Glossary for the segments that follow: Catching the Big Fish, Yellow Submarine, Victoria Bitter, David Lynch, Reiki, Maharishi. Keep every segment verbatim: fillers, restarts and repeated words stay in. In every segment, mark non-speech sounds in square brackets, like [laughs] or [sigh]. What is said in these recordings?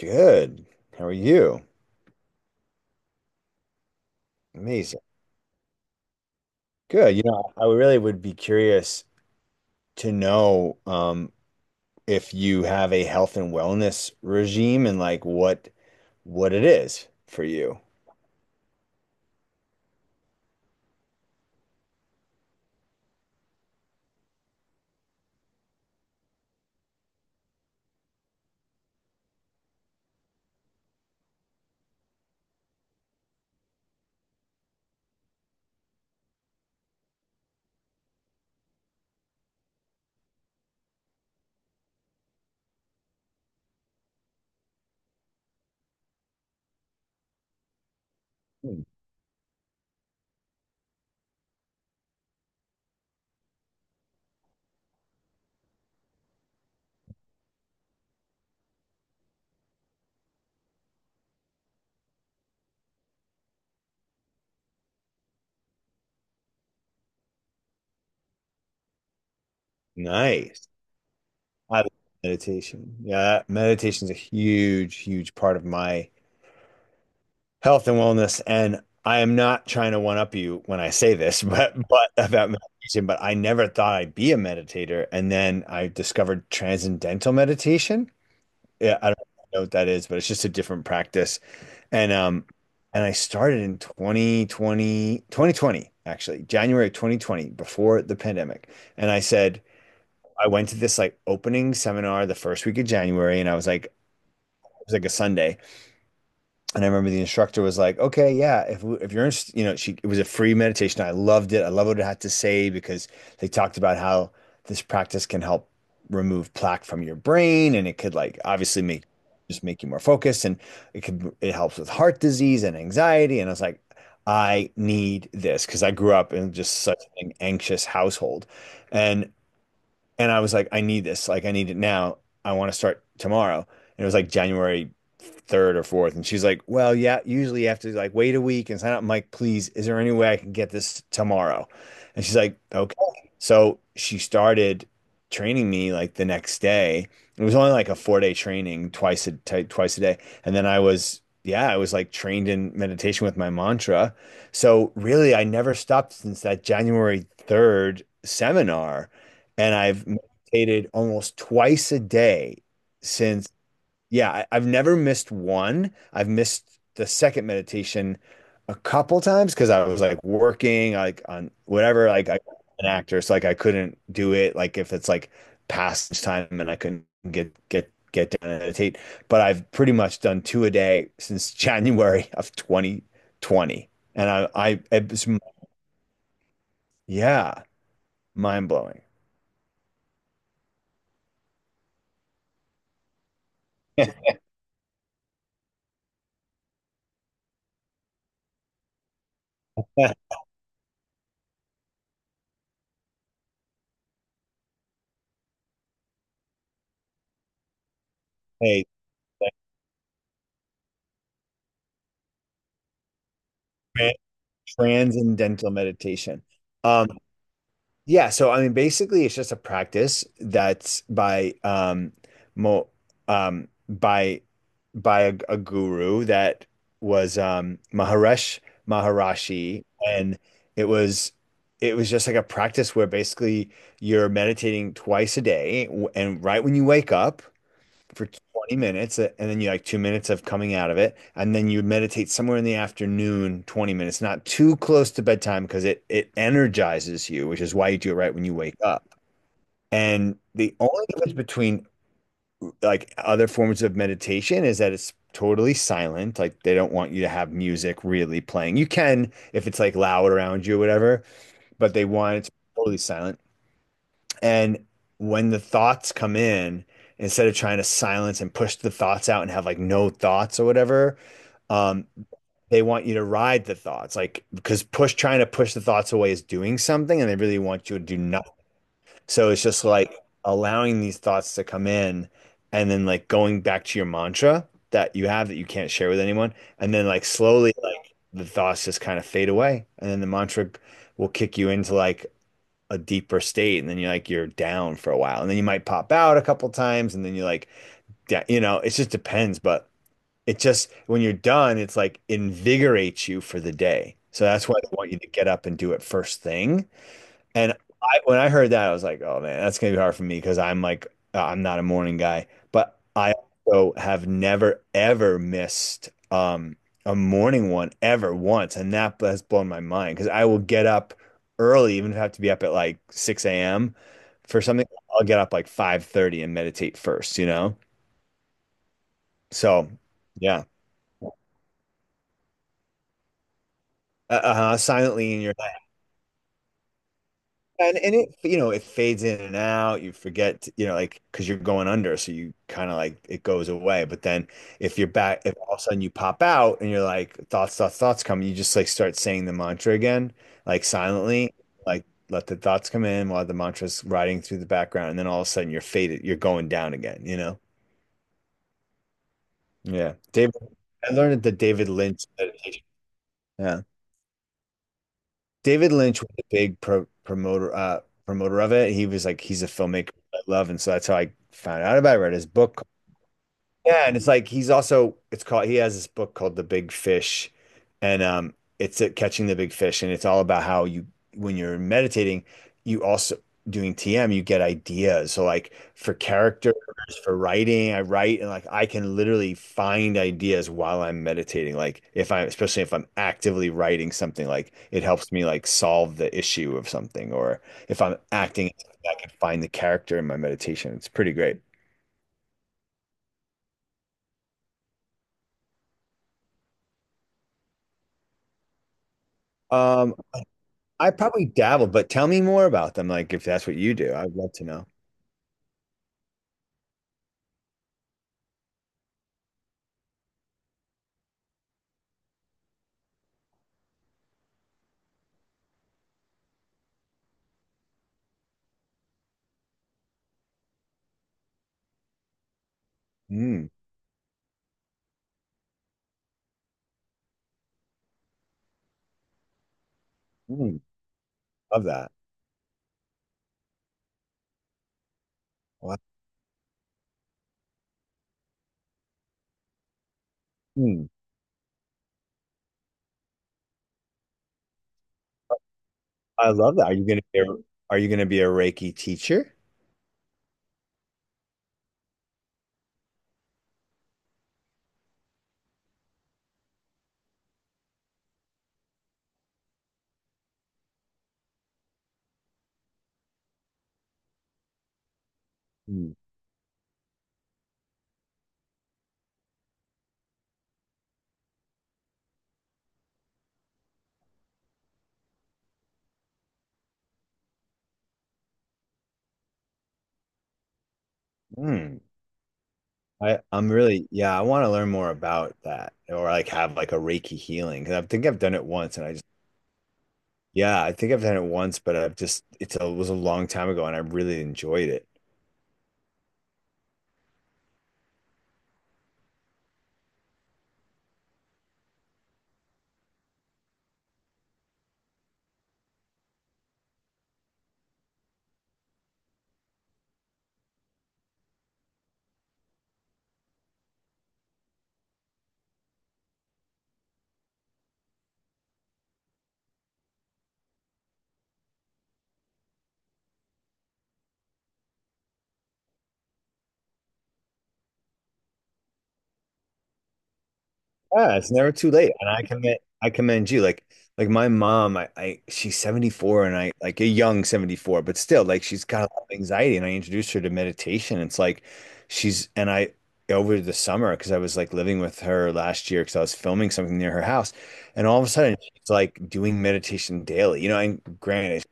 Good. How are you? Amazing. Good. You know, I really would be curious to know um, if you have a health and wellness regime and like what what it is for you. Nice. I love meditation. Yeah, meditation is a huge, huge part of my health and wellness. And I am not trying to one up you when I say this, [laughs] but but about meditation, but I never thought I'd be a meditator. And then I discovered transcendental meditation. Yeah, I don't know what that is, but it's just a different practice. And um and I started in twenty twenty twenty twenty actually, January twenty twenty before the pandemic. And I said I went to this like opening seminar the first week of January, and I was like it was like a Sunday. And I remember the instructor was like, "Okay, yeah, if if you're interested, you know," she, it was a free meditation. I loved it. I love what it had to say because they talked about how this practice can help remove plaque from your brain, and it could like obviously make just make you more focused, and it could it helps with heart disease and anxiety. And I was like, I need this because I grew up in just such an anxious household, and and I was like, I need this. Like, I need it now. I want to start tomorrow. And it was like January third or fourth. And she's like, Well, yeah, usually you have to like wait a week and sign up. I'm like, please, is there any way I can get this tomorrow? And she's like, Okay. So she started training me like the next day. It was only like a four day training twice a t twice a day. And then I was, yeah, I was like trained in meditation with my mantra. So really, I never stopped since that January third seminar, and I've meditated almost twice a day since, yeah, I, I've never missed one. I've missed the second meditation a couple times because I was like working, like on whatever, like I, an actor, so like I couldn't do it. Like if it's like past time and I couldn't get get get down and meditate, but I've pretty much done two a day since [laughs] January of twenty twenty, and I I it's, yeah, mind blowing. [laughs] Hey, transcendental meditation. Um, yeah, so I mean, basically, it's just a practice that's by um, mo um, by by a, a guru that was um, Maharish Maharishi, and it was it was just like a practice where basically you're meditating twice a day, w- and right when you wake up, for twenty minutes uh, and then you like two minutes of coming out of it, and then you meditate somewhere in the afternoon twenty minutes, not too close to bedtime because it it energizes you, which is why you do it right when you wake up. And the only difference between like other forms of meditation is that it's totally silent. Like, they don't want you to have music really playing. You can if it's like loud around you or whatever, but they want it to be totally silent. And when the thoughts come in, instead of trying to silence and push the thoughts out and have like no thoughts or whatever, um, they want you to ride the thoughts. Like, because push trying to push the thoughts away is doing something, and they really want you to do nothing. So it's just like allowing these thoughts to come in, and then like going back to your mantra that you have that you can't share with anyone. And then like slowly, like the thoughts just kind of fade away. And then the mantra will kick you into like a deeper state, and then you're like you're down for a while, and then you might pop out a couple times and then you're like, yeah, you know, it just depends. But it just when you're done it's like invigorates you for the day, so that's why they want you to get up and do it first thing. And I, when I heard that, I was like, oh man, that's gonna be hard for me because I'm like, uh, I'm not a morning guy. But I also have never ever missed um, a morning one ever once, and that has blown my mind because I will get up early, even if I have to be up at like six a m for something. I'll get up like five thirty and meditate first, you know? So, yeah, uh, uh, silently in your. And, and it, you know, it fades in and out. You forget, to- you know, like, because you're going under. So you kind of like it goes away. But then if you're back, if all of a sudden you pop out and you're like, thoughts, thoughts, thoughts come, you just like start saying the mantra again, like silently, like let the thoughts come in while the mantra's riding through the background. And then all of a sudden you're faded, you're going down again, you know? Yeah. David, I learned the David Lynch meditation. Yeah. David Lynch was a big pro promoter uh promoter of it. He was like, he's a filmmaker I love, and so that's how I found out about it. I read his book, yeah, and it's like he's also it's called he has this book called The Big Fish, and um, it's at Catching the Big Fish, and it's all about how you when you're meditating, you also doing T M, you get ideas. So like for characters, for writing, I write, and like I can literally find ideas while I'm meditating. Like if I'm especially if I'm actively writing something, like it helps me like solve the issue of something, or if I'm acting, I can find the character in my meditation. It's pretty great. Um, I probably dabble, but tell me more about them. Like, if that's what you do, I'd love to know. Mm, mm, love that. Wow. Mm, I love that. Are you gonna be a, are you gonna be a Reiki teacher? Mm, mm. I, I'm really, yeah, I want to learn more about that or like have like a Reiki healing. Because I think I've done it once and I just, yeah, I think I've done it once, but I've just, it's a, it was a long time ago and I really enjoyed it. Yeah, it's never too late. And I commend I commend you. Like like my mom, I, I she's seventy-four, and I like a young seventy-four, but still like she's got a lot of anxiety, and I introduced her to meditation. It's like she's and I over the summer because I was like living with her last year because I was filming something near her house, and all of a sudden she's like doing meditation daily. You know, and granted,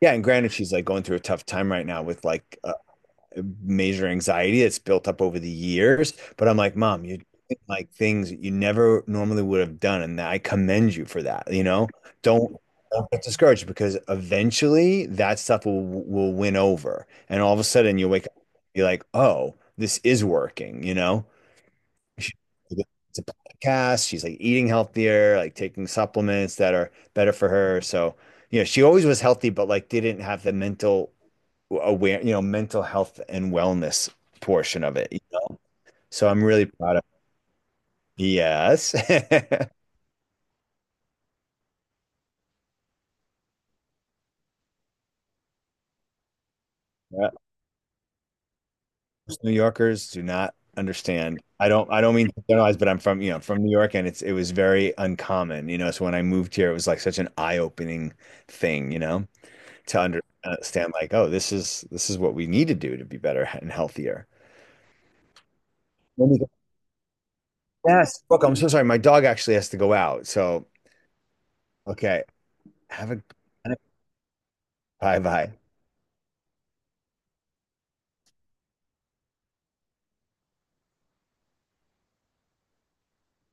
yeah, and granted she's like going through a tough time right now with like major anxiety that's built up over the years. But I'm like, Mom, you like things that you never normally would have done, and I commend you for that. You know, don't don't get discouraged because eventually that stuff will will win over, and all of a sudden you wake up, you're like, oh, this is working. You know, She- it's a podcast. She's like eating healthier, like taking supplements that are better for her. So you know, she always was healthy, but like didn't have the mental aware, you know, mental health and wellness portion of it, you know? So I'm really proud of. Yes. [laughs] Yeah. Most New Yorkers do not understand. I don't I don't mean to generalize, but I'm from, you know, from New York, and it's it was very uncommon, you know. So when I moved here, it was like such an eye-opening thing, you know, to under- understand like, oh, this is this is what we need to do to be better and healthier. Let me go-. Yes. Look, I'm so sorry. My dog actually has to go out. So, okay. Have a bye bye.